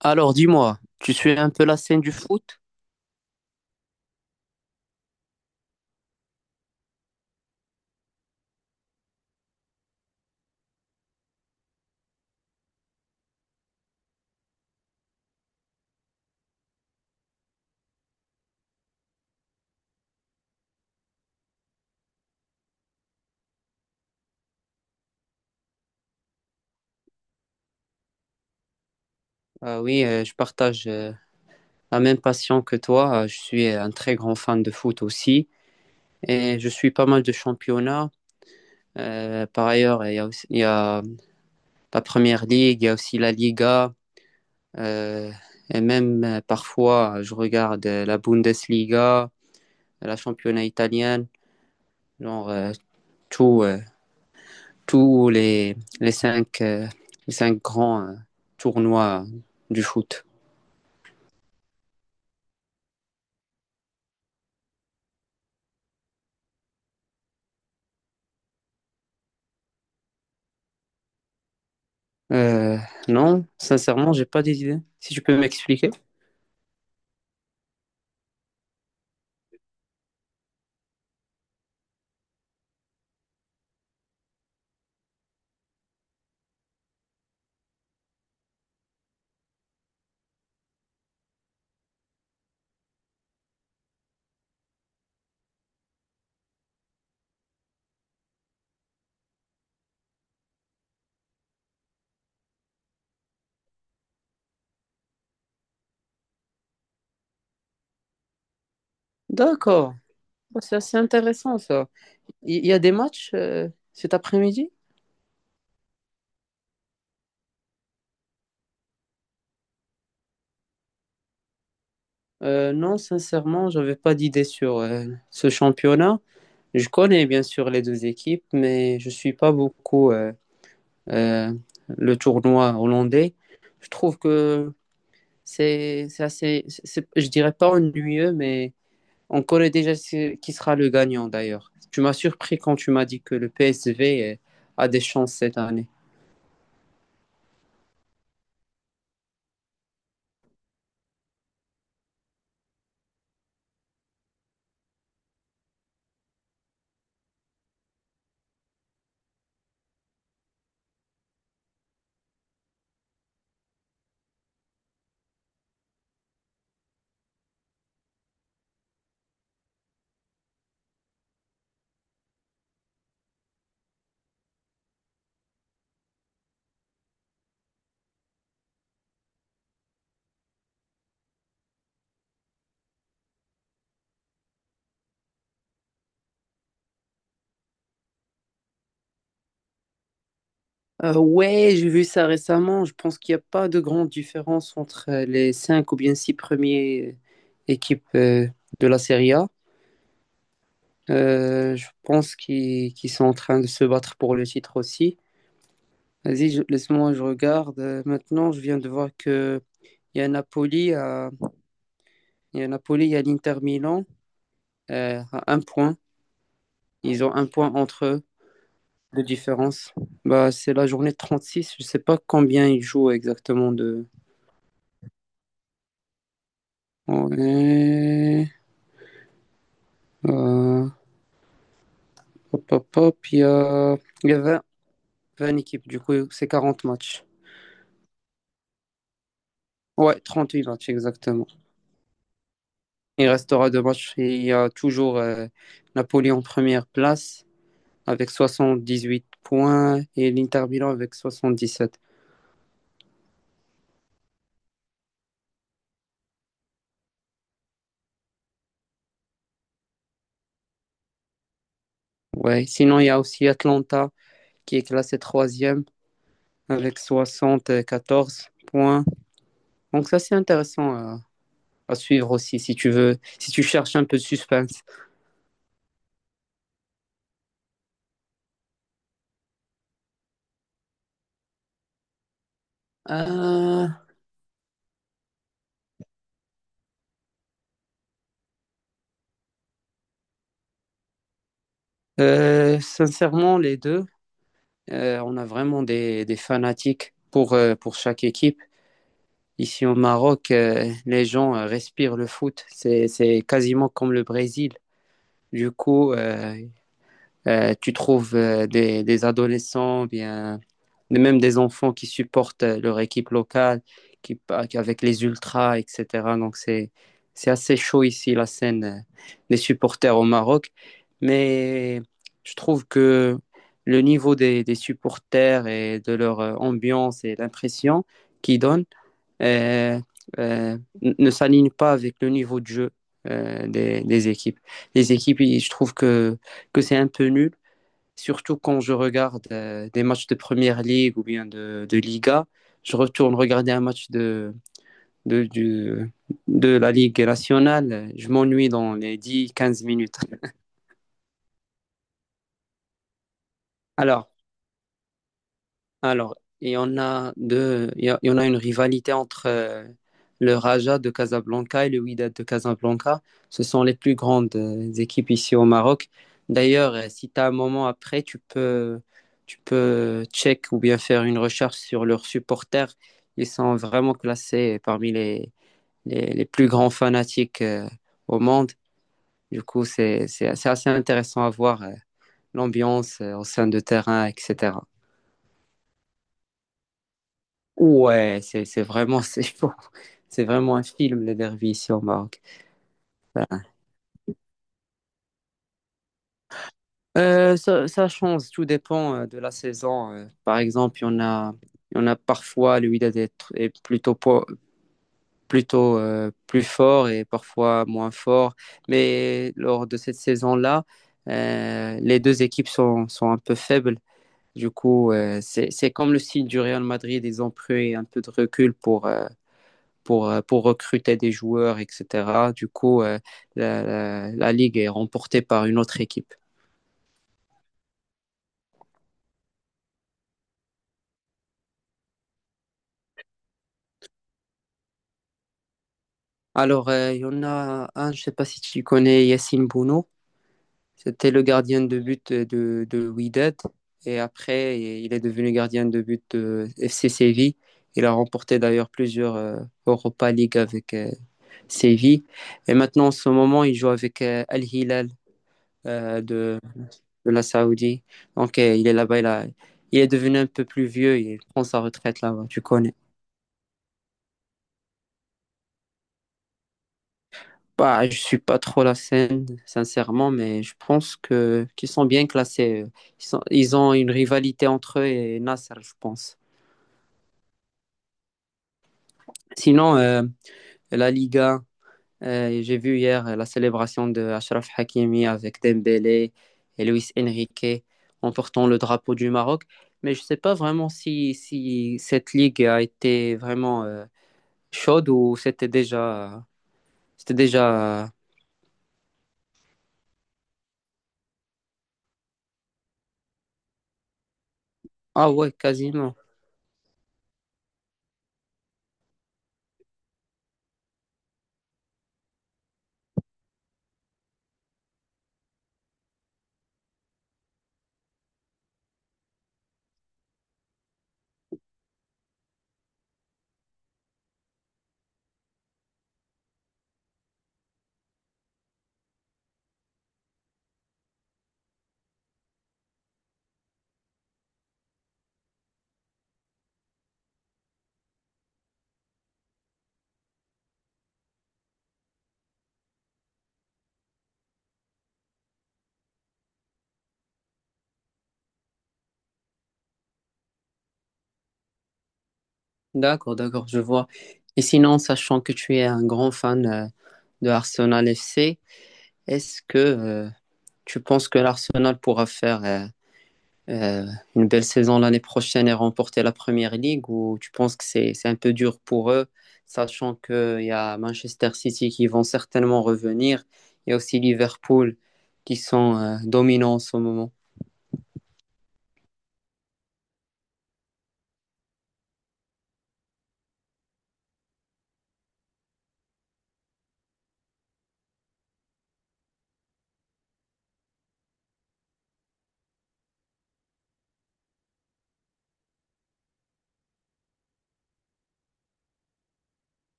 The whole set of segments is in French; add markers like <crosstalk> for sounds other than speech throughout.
Alors, dis-moi, tu suis un peu la scène du foot? Ah oui, je partage, la même passion que toi. Je suis un très grand fan de foot aussi et je suis pas mal de championnats. Par ailleurs, il y a la Première Ligue, il y a aussi la Liga, euh, et même, parfois je regarde, la Bundesliga, la championnat italienne, genre, tout, euh, tous les cinq grands, tournois du foot. Euh, non, sincèrement, j'ai pas d'idée. Si tu peux m'expliquer. D'accord. Oh, c'est assez intéressant ça. Il y a des matchs, cet après-midi? Non, sincèrement, j'avais pas d'idée sur, ce championnat. Je connais bien sûr les deux équipes, mais je suis pas beaucoup, euh, le tournoi hollandais. Je trouve que c'est assez, je dirais pas ennuyeux, mais on connaît déjà qui sera le gagnant d'ailleurs. Tu m'as surpris quand tu m'as dit que le PSV, a des chances cette année. Ouais, j'ai vu ça récemment. Je pense qu'il n'y a pas de grande différence entre, les cinq ou bien six premières équipes, de la Serie A. Je pense qu'ils sont en train de se battre pour le titre aussi. Vas-y, laisse-moi, je regarde. Maintenant, je viens de voir que il y a Napoli, à- il y a Napoli, il y a l'Inter Milan, à un point. Ils ont un point entre eux de différence. Bah, c'est la journée 36. Je sais pas combien il joue exactement de. Ouais, euh, hop, hop, hop, il y a 20, 20 équipes, du coup, c'est 40 matchs. Ouais, 38 matchs exactement. Il restera deux matchs. Et il y a toujours, Napoli en première place avec 78 points, et l'Inter Milan avec 77. Ouais, sinon, il y a aussi Atlanta qui est classé troisième avec 74 points. Donc ça, c'est intéressant à, suivre aussi, si tu veux, si tu cherches un peu de suspense. Euh, Sincèrement, les deux. On a vraiment des fanatiques pour chaque équipe. Ici au Maroc, les gens, respirent le foot. C'est quasiment comme le Brésil. Du coup, tu trouves, des adolescents, bien, même des enfants qui supportent, leur équipe locale, qui, avec les ultras, etc. Donc c'est assez chaud ici la scène, des supporters au Maroc. Mais je trouve que le niveau des, supporters et de leur, ambiance et l'impression qu'ils donnent, euh, ne s'aligne pas avec le niveau de jeu, des équipes. Les équipes, je trouve que c'est un peu nul. Surtout quand je regarde, des matchs de Première Ligue ou bien de Liga, je retourne regarder un match de, du- de la Ligue nationale, je m'ennuie dans les 10, 15 minutes. Alors, Alors, il y en a deux, il y en a une rivalité entre, le Raja de Casablanca et le Wydad de Casablanca. Ce sont les plus grandes, équipes ici au Maroc. D'ailleurs, si tu as un moment après, tu peux check ou bien faire une recherche sur leurs supporters. Ils sont vraiment classés parmi les plus grands fanatiques, au monde. Du coup, c'est assez intéressant à voir, l'ambiance, au sein de terrain, etc. Ouais, c'est vraiment, c'est <laughs> fou. C'est vraiment un film les derbies ici au Maroc. Voilà. Ça change, tout dépend, de la saison. Par exemple, il y en a parfois le Wydad est, est plutôt, plutôt, plus fort et parfois moins fort, mais lors de cette saison-là, les deux équipes sont un peu faibles. Du coup, c'est comme le style du Real Madrid, ils ont pris un peu de recul pour, pour recruter des joueurs, etc. Du coup, ligue est remportée par une autre équipe. Alors, il y en a un, je ne sais pas si tu connais Yassine Bouno. C'était le gardien de but de Wydad. Et après, il est devenu gardien de but de FC Séville. Il a remporté d'ailleurs plusieurs, Europa League avec, Séville. Et maintenant, en ce moment, il joue avec Al-Hilal de de la Saoudie. Donc, il est là-bas, il est devenu un peu plus vieux, il prend sa retraite là-bas, tu connais. Bah, je suis pas trop la scène, sincèrement, mais je pense que qu'ils sont bien classés. Ils ont une rivalité entre eux et Nasser, je pense. Sinon, la Liga, j'ai vu hier, la célébration de Achraf Hakimi avec Dembélé et Luis Enrique en portant le drapeau du Maroc. Mais je ne sais pas vraiment si cette ligue a été vraiment, chaude ou c'était déjà... C'était déjà... Ah ouais, quasiment. D'accord, d'accord, je vois. Et sinon, sachant que tu es un grand fan, de Arsenal FC, est-ce que, tu penses que l'Arsenal pourra faire, euh, une belle saison l'année prochaine et remporter la Première Ligue ou tu penses que c'est un peu dur pour eux, sachant qu'il y a Manchester City qui vont certainement revenir, il y a aussi Liverpool qui sont, dominants en ce moment.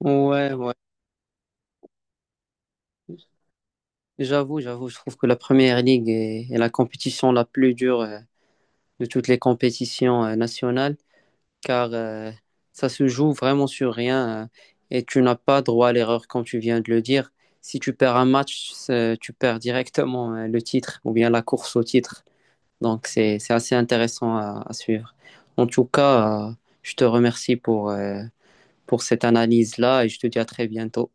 Ouais, ouais. J'avoue, j'avoue, je trouve que la première ligue est la compétition la plus dure, de toutes les compétitions, nationales, car, ça se joue vraiment sur rien, et tu n'as pas droit à l'erreur comme tu viens de le dire. Si tu perds un match, tu perds directement, le titre ou bien la course au titre. Donc c'est assez intéressant à, suivre. En tout cas, je te remercie pour, cette analyse-là et je te dis à très bientôt.